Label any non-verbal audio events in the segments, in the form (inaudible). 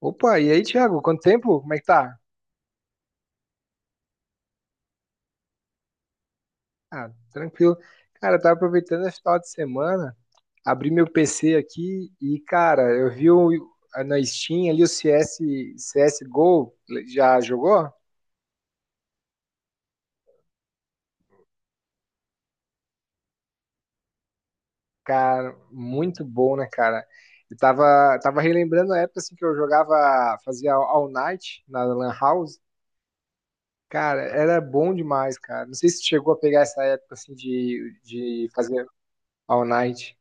Opa, e aí, Thiago? Quanto tempo? Como é que tá? Ah, tranquilo. Cara, eu tava aproveitando esse final de semana, abri meu PC aqui e, cara, na Steam ali o CSGO, já jogou? Cara, muito bom, né, cara? Eu tava relembrando a época assim, que eu jogava, fazia All Night na Lan House. Cara, era bom demais, cara. Não sei se chegou a pegar essa época assim de fazer All Night.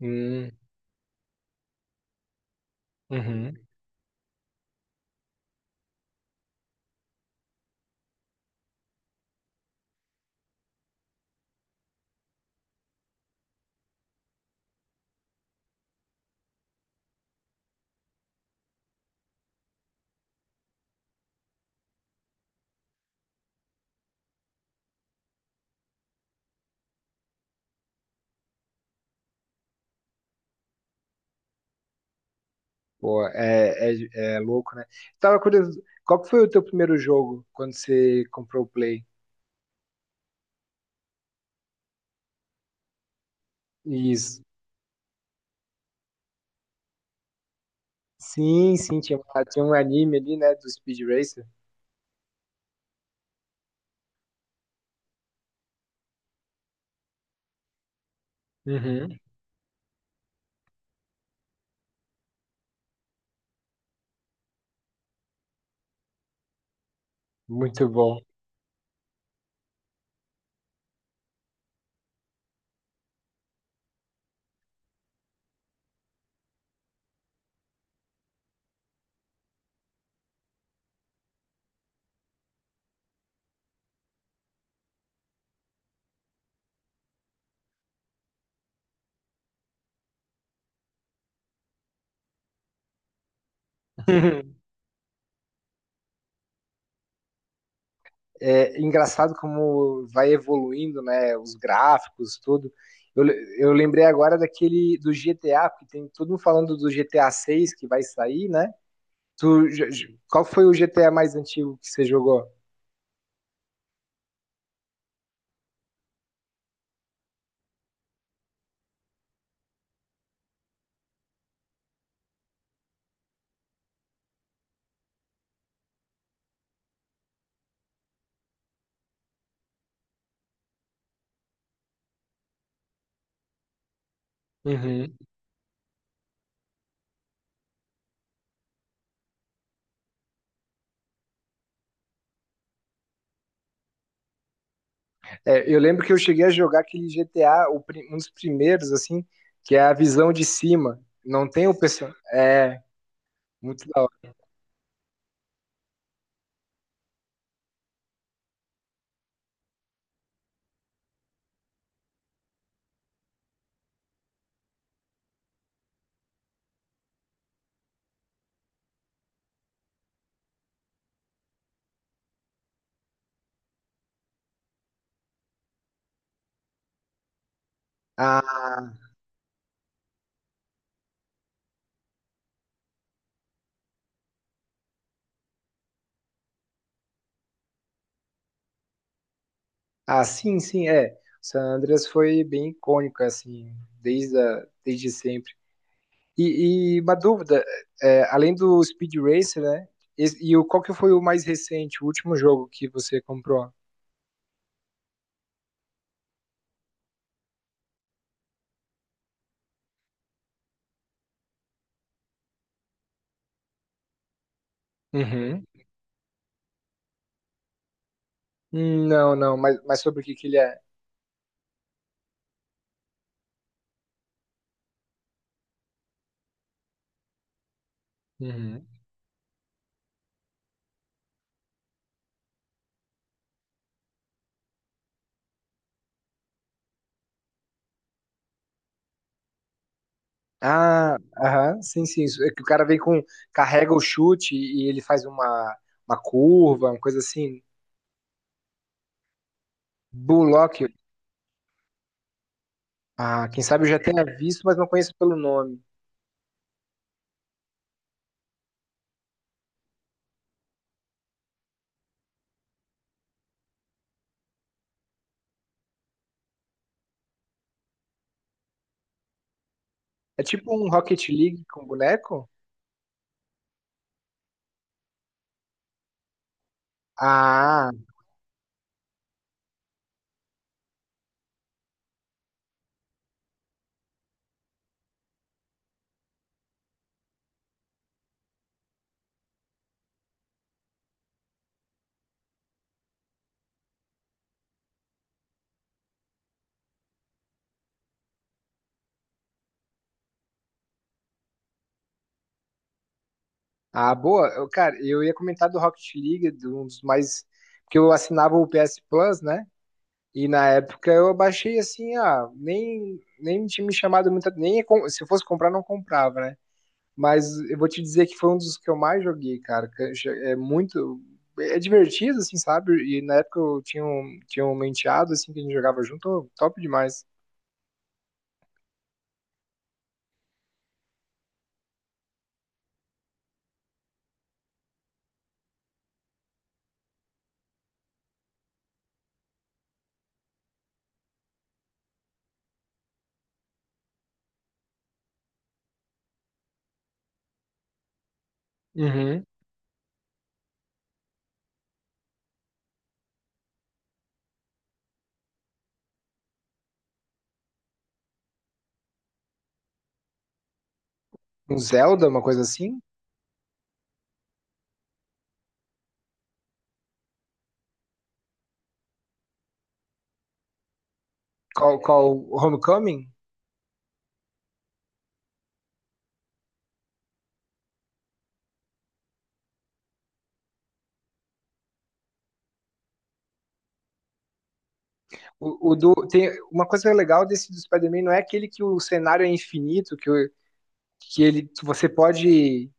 Hum, uhum. Pô, é louco, né? Tava curioso, qual que foi o teu primeiro jogo quando você comprou o Play? Isso. Sim, sim, tinha um anime ali, né, do Speed Racer. Uhum. Muito bom. É engraçado como vai evoluindo, né, os gráficos, tudo. Eu lembrei agora daquele do GTA, porque tem todo mundo falando do GTA 6 que vai sair, né? Qual foi o GTA mais antigo que você jogou? É, eu lembro que eu cheguei a jogar aquele GTA, um dos primeiros, assim, que é a visão de cima. Não tem o pessoal. É, muito da hora. Ah, ah, sim, sim, é. San Andreas foi bem icônico, assim, desde sempre. E uma dúvida, é, além do Speed Racer, né? Qual que foi o mais recente, o último jogo que você comprou? Uhum. Não, não, mas sobre o que que ele é? Ah, aham, sim, sim, isso. É que o cara vem com. Carrega o chute e ele faz uma curva, uma coisa assim. Bullock. Ah, quem sabe eu já tenha visto, mas não conheço pelo nome. É tipo um Rocket League com boneco? Ah, ah, boa. Eu, cara, eu ia comentar do Rocket League, de um dos mais. Porque eu assinava o PS Plus, né? E na época eu baixei assim, ah, nem tinha me chamado muita. Nem se eu fosse comprar, não comprava, né? Mas eu vou te dizer que foi um dos que eu mais joguei, cara. É muito. É divertido, assim, sabe? E na época tinha um menteado, assim, que a gente jogava junto, oh, top demais. Uhum. Um Zelda, uma coisa assim. Qual Homecoming? Tem uma coisa legal desse do Spider-Man, não é aquele que o cenário é infinito, que, o- que ele que você pode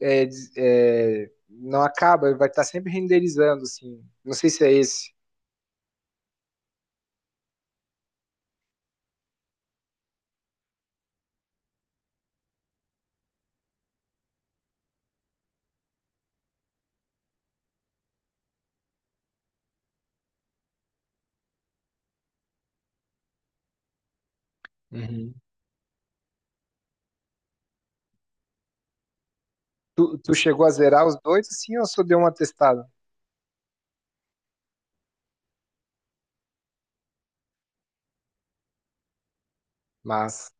é, não acaba, vai estar sempre renderizando assim. Não sei se é esse. Tu chegou a zerar os dois, assim, ou só deu uma testada? Mas,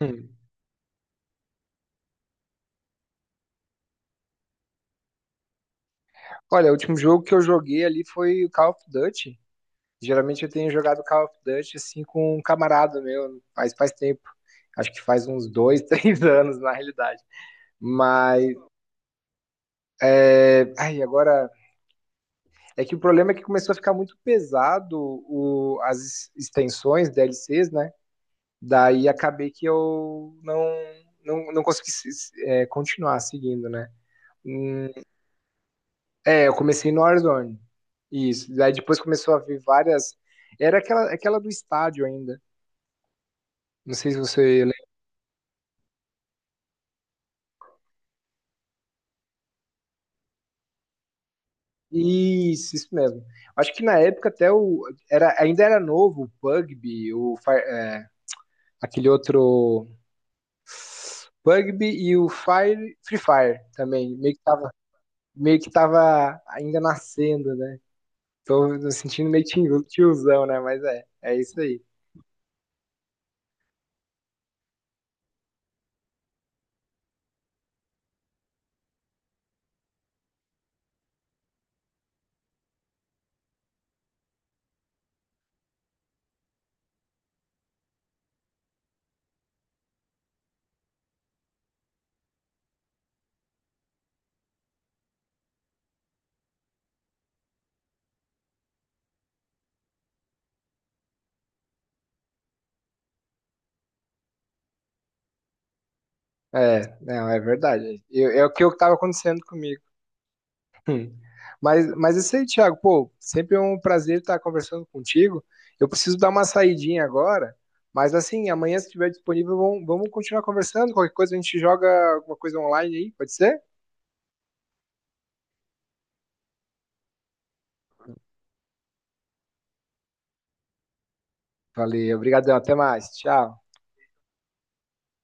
hum. Olha, o último jogo que eu joguei ali foi o Call of Duty. Geralmente eu tenho jogado Call of Duty, assim, com um camarada meu, faz tempo. Acho que faz uns dois, (laughs) três anos, na realidade. Mas, ai, agora, é que o problema é que começou a ficar muito pesado o, as extensões, DLCs, né? Daí acabei que eu não, não consegui continuar seguindo, né? É, eu comecei no Warzone. Isso. Daí depois começou a vir várias. Era aquela do estádio ainda. Não sei se você lembra. Isso mesmo. Acho que na época até o. Era, ainda era novo o Pugby, aquele outro. Pugby e o Fire, Free Fire também. Meio que tava ainda nascendo, né? Tô me sentindo meio tiozão, né? Mas é, é isso aí. É, não, é verdade. É o que eu tava acontecendo comigo. (laughs) Hum. Mas isso aí, Thiago, pô, sempre é um prazer estar conversando contigo. Eu preciso dar uma saidinha agora, mas assim, amanhã, se estiver disponível, vamos continuar conversando. Qualquer coisa a gente joga alguma coisa online aí, pode ser? Valeu, obrigado, até mais, tchau.